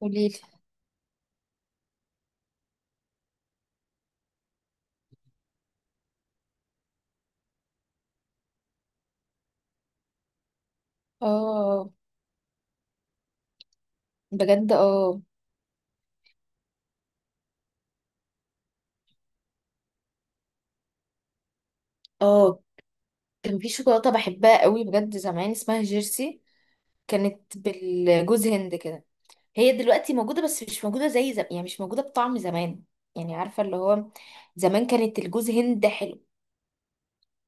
قوليلي. اه. بجد اه. اه، كان في شوكولاتة بحبها قوي بجد زمان اسمها جيرسي. كانت بالجوز هند كده. هي دلوقتي موجودة بس مش موجودة زي زمان، يعني مش موجودة بطعم زمان. يعني عارفة اللي هو زمان كانت الجوز هند حلو.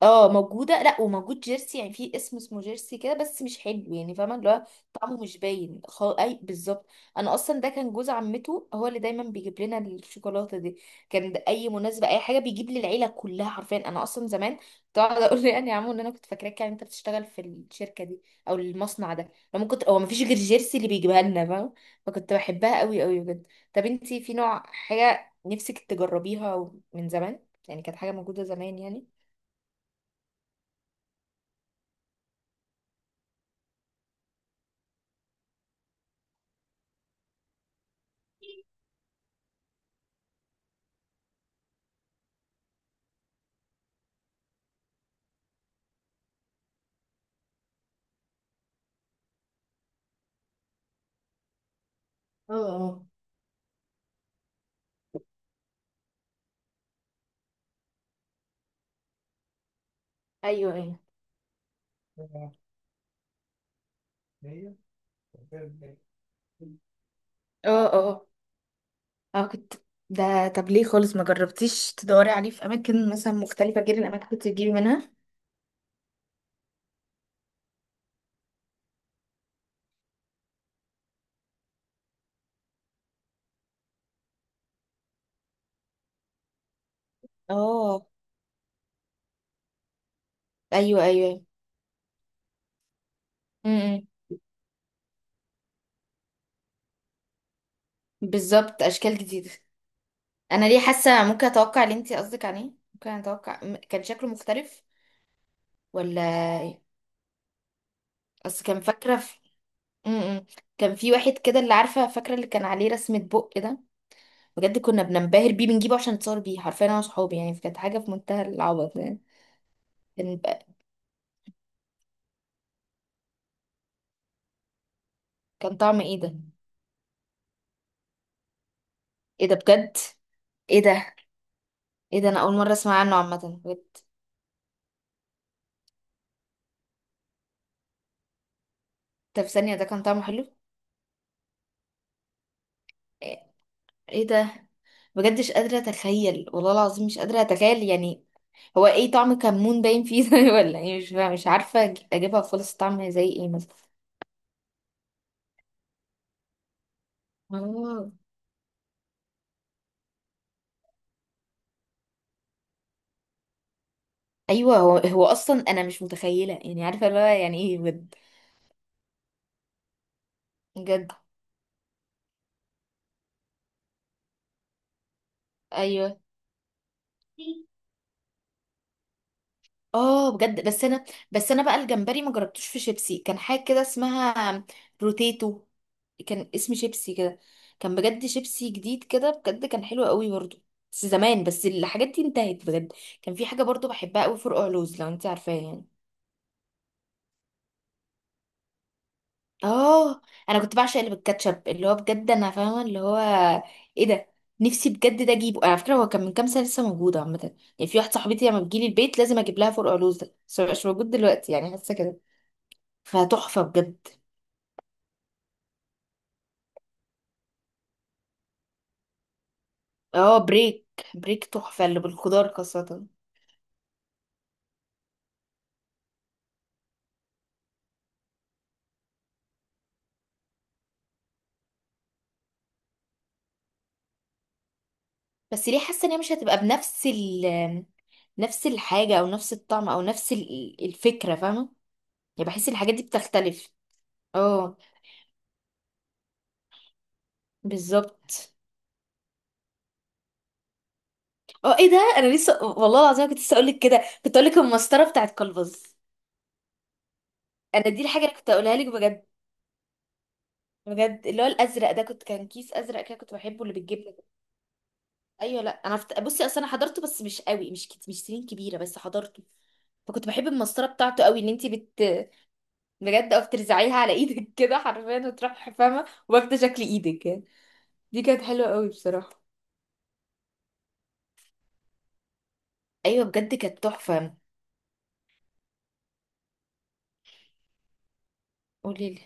اه موجوده، لا وموجود جيرسي، يعني في اسمه جيرسي كده بس مش حلو، يعني فاهمه اللي هو طعمه مش باين اي بالظبط. انا اصلا ده كان جوز عمته هو اللي دايما بيجيب لنا الشوكولاته دي. كان ده اي مناسبه اي حاجه بيجيب لي العيله كلها حرفيا. انا اصلا زمان كنت اقعد اقول له يعني يا عمو ان انا كنت فاكراك، يعني انت بتشتغل في الشركه دي او المصنع ده، لما كنت هو ما فيش غير جيرسي اللي بيجيبها لنا فاهمه. فكنت بحبها قوي قوي بجد. طب انتي في نوع حاجه نفسك تجربيها من زمان؟ يعني كانت حاجه موجوده زمان يعني. اه. اه. ايوه ايوه. اه اه. اه. ده طب ليه خالص ما جربتيش تدوري عليه في اماكن مثلا مختلفه غير الاماكن اللي كنت بتجيبي منها؟ اه ايوه ايوه. امم. بالظبط اشكال جديده. انا ليه حاسه ممكن اتوقع اللي انت قصدك عليه، ممكن اتوقع كان شكله مختلف. ولا إيه؟ اصل كان فاكره في... امم، كان في واحد كده اللي عارفه فاكره اللي كان عليه رسمه بق ده. بجد كنا بننبهر بيه، بنجيبه عشان نتصور بيه حرفيا انا وصحابي، يعني كانت حاجه في منتهى العبط يعني. كان كان طعم ايه ده؟ ايه ده بجد؟ ايه ده. ايه ده، انا اول مره اسمع عنه عامه بجد. طب ثانيه ده كان طعمه حلو؟ ايه. إيه ده؟ بجد مش قادره اتخيل والله العظيم، مش قادره اتخيل يعني. هو ايه، طعم كمون باين فيه ده ولا ايه؟ مش فاهمة. مش عارفه اجيبها خالص طعم زي ايه مثلا. آه. ايوه. هو اصلا انا مش متخيله، يعني عارفه اللي هو يعني ايه بجد. بجد. ايوه اه بجد. بس انا بقى الجمبري ما جربتوش. في شيبسي كان حاجه كده اسمها روتيتو. كان اسم شيبسي كده. كان بجد شيبسي جديد كده، بجد كان حلو قوي برضو. بس زمان، بس الحاجات دي انتهت بجد. كان في حاجه برضو بحبها قوي، فرقع لوز، لو انت عارفاه يعني. اه انا كنت بعشق اللي بالكاتشب، اللي هو بجد انا فاهمه اللي هو. ايه ده. نفسي بجد ده اجيبه على فكره. هو كان من كام سنه لسه موجود عامه، يعني في واحده صاحبتي لما بتجيلي البيت لازم اجيب لها فرقع لوز ده، بس مبقاش موجود دلوقتي يعني، حاسه كده. فتحفة بجد. اه بريك. بريك تحفة اللي بالخضار خاصة. بس ليه حاسة ان هي مش هتبقى بنفس ال نفس الحاجة او نفس الطعم او نفس الفكرة، فاهمة؟ يعني بحس الحاجات دي بتختلف. اه بالظبط. اه، ايه ده، انا لسه والله العظيم كنت لسه اقولك كده، كنت اقولك المسطرة بتاعت كلبز. انا دي الحاجة اللي كنت اقولها لك بجد. بجد اللي هو الازرق ده، كنت كان كيس ازرق كده كنت بحبه، اللي بالجبنة. ايوه. لا انا بصي اصل انا حضرته بس مش قوي، مش مش سنين كبيره بس حضرته. فكنت بحب المسطره بتاعته قوي، ان انتي بجد او بترزعيها على ايدك كده حرفيا وتروح فاهمه واخده شكل ايدك يعني. دي كانت حلوه قوي بصراحه. ايوه بجد كانت تحفه. قولي لي.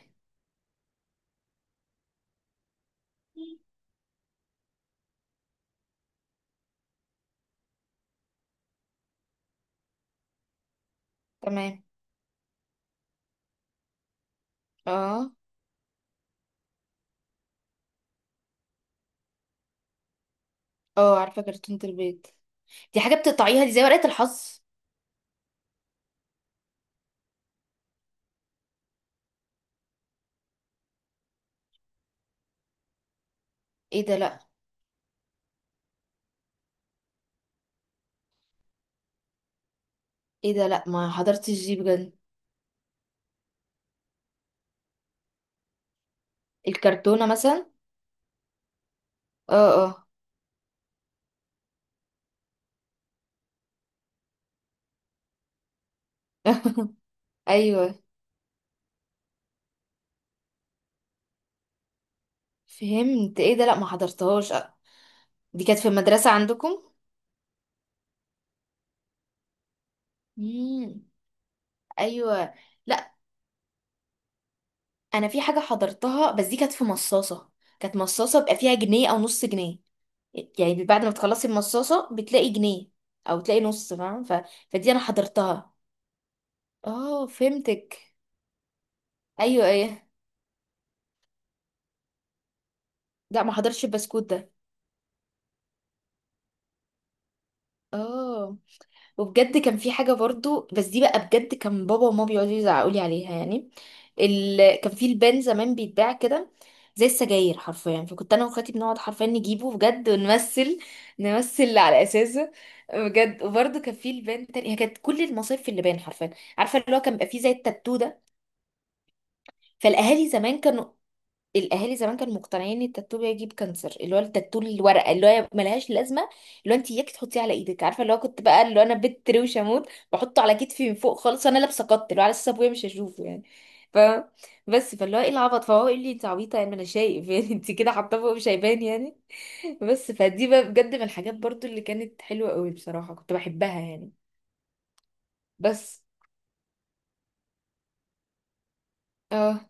تمام. اه اه عارفه كرتون البيت. دي حاجه بتقطعيها، دي زي ورقه الحظ؟ ايه ده، لا. ايه ده، لا ما حضرتش دي بجد. الكرتونه مثلا. اه اه. ايوه فهمت، ايه ده، لا ما حضرتهاش. دي كانت في المدرسة عندكم؟ امم. ايوه. لا، انا في حاجة حضرتها بس دي كانت في مصاصة. كانت مصاصة بيبقى فيها جنيه او نص جنيه. يعني بعد ما تخلصي المصاصة بتلاقي جنيه او تلاقي نص، فاهم فدي انا حضرتها. اه فهمتك. ايوه ايه. لا ما حضرتش البسكوت ده. اه. وبجد كان في حاجة برضو بس دي بقى بجد كان بابا وماما بيقعدوا يزعقوا لي عليها يعني. كان في البان زمان بيتباع كده زي السجاير حرفيا، فكنت انا واخواتي بنقعد حرفيا نجيبه بجد ونمثل على اساسه. بجد، وبرضه كان في البان تاني. هي كانت كل المصايف في اللبان حرفيا. عارفه اللي هو كان بيبقى فيه زي التاتو ده. فالاهالي زمان كانوا الاهالي زمان كانوا مقتنعين ان التاتو بيجيب كانسر، اللي هو التاتو الورقه اللي هو ملهاش لازمه. اللي هو انت اياك تحطيه على ايدك، عارفه اللي هو كنت بقى، اللي هو انا بنت روشه اموت بحطه على كتفي من فوق خالص، انا لابسه قط اللي هو على اساس ابويا مش هشوفه يعني. ف بس فاللي هو ايه العبط، فهو يقول لي انت عبيطه، يعني ما انا شايف يعني انت كده حاطاه فوق مش هيبان يعني. بس فدي بقى بجد من الحاجات برضو اللي كانت حلوه قوي بصراحه، كنت بحبها يعني. بس. آه.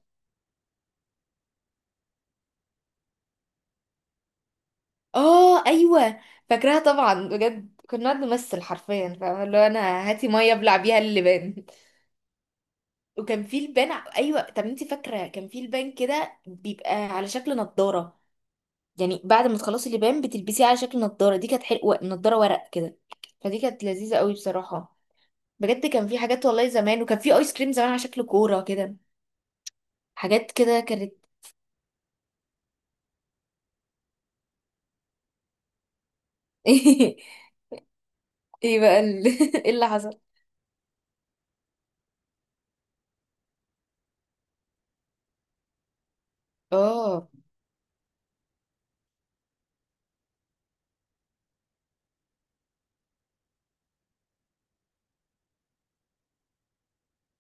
اه ايوه فاكراها طبعا، بجد كنا نقعد نمثل حرفيا، فاهمه اللي هو انا هاتي ميه ابلع بيها اللبان. وكان في لبان ايوه، طب انت فاكره كان في لبان كده بيبقى على شكل نضاره. يعني بعد ما تخلصي اللبان بتلبسيه على شكل نضاره، دي كانت حلوه، نضاره ورق كده. فدي كانت لذيذه قوي بصراحه. بجد كان في حاجات والله زمان، وكان في ايس كريم زمان على شكل كوره كده. حاجات كده كانت. ايه بقى ايه اللي حصل؟ اه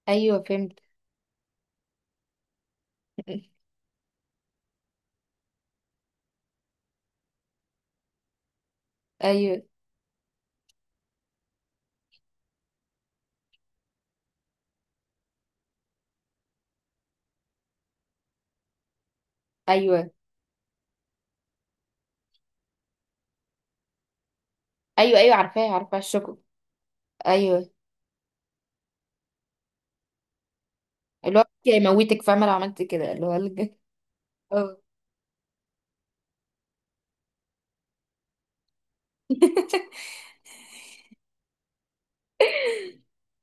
ايوه فهمت. ايوه ايوه ايوه. ايوه عارفاه عارفاه، الشوكو. ايوه اللي هو يموتك، فاهمه لو عملت كده، اللي هو اه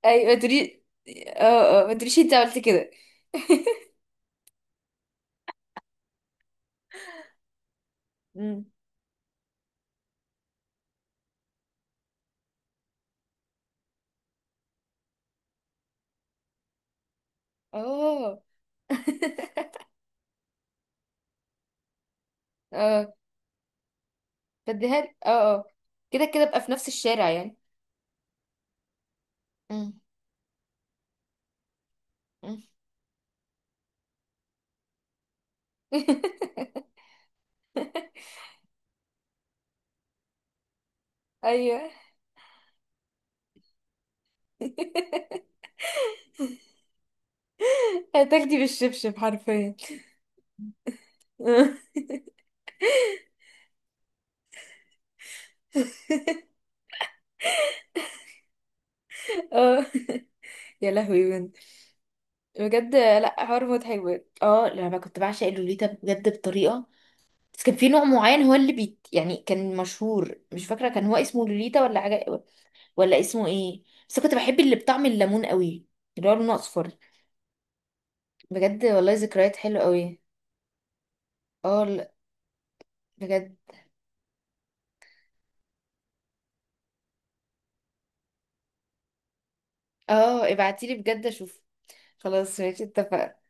ايوه ما تري. اه ما تريش انت عملت كده. امم. اه. اه. فاديها لي. اه اه. كده كده بقى في نفس الشارع يعني. مم. مم. ايوه. هتاخدي بالشبشب حرفيا. اه. يا لهوي بنت. بجد، لا، حوار مضحك بجد. اه لما كنت بعشق لوليتا بجد بطريقه، بس كان في نوع معين هو اللي بيت، يعني كان مشهور، مش فاكرة كان هو اسمه لوليتا ولا حاجة، ولا اسمه ايه. بس كنت بحب اللي بطعم الليمون قوي، اللي هو لونه اصفر. بجد والله ذكريات حلوة قوي. اه، لا. بجد. اه ابعتيلي بجد اشوف. خلاص ماشي اتفقنا.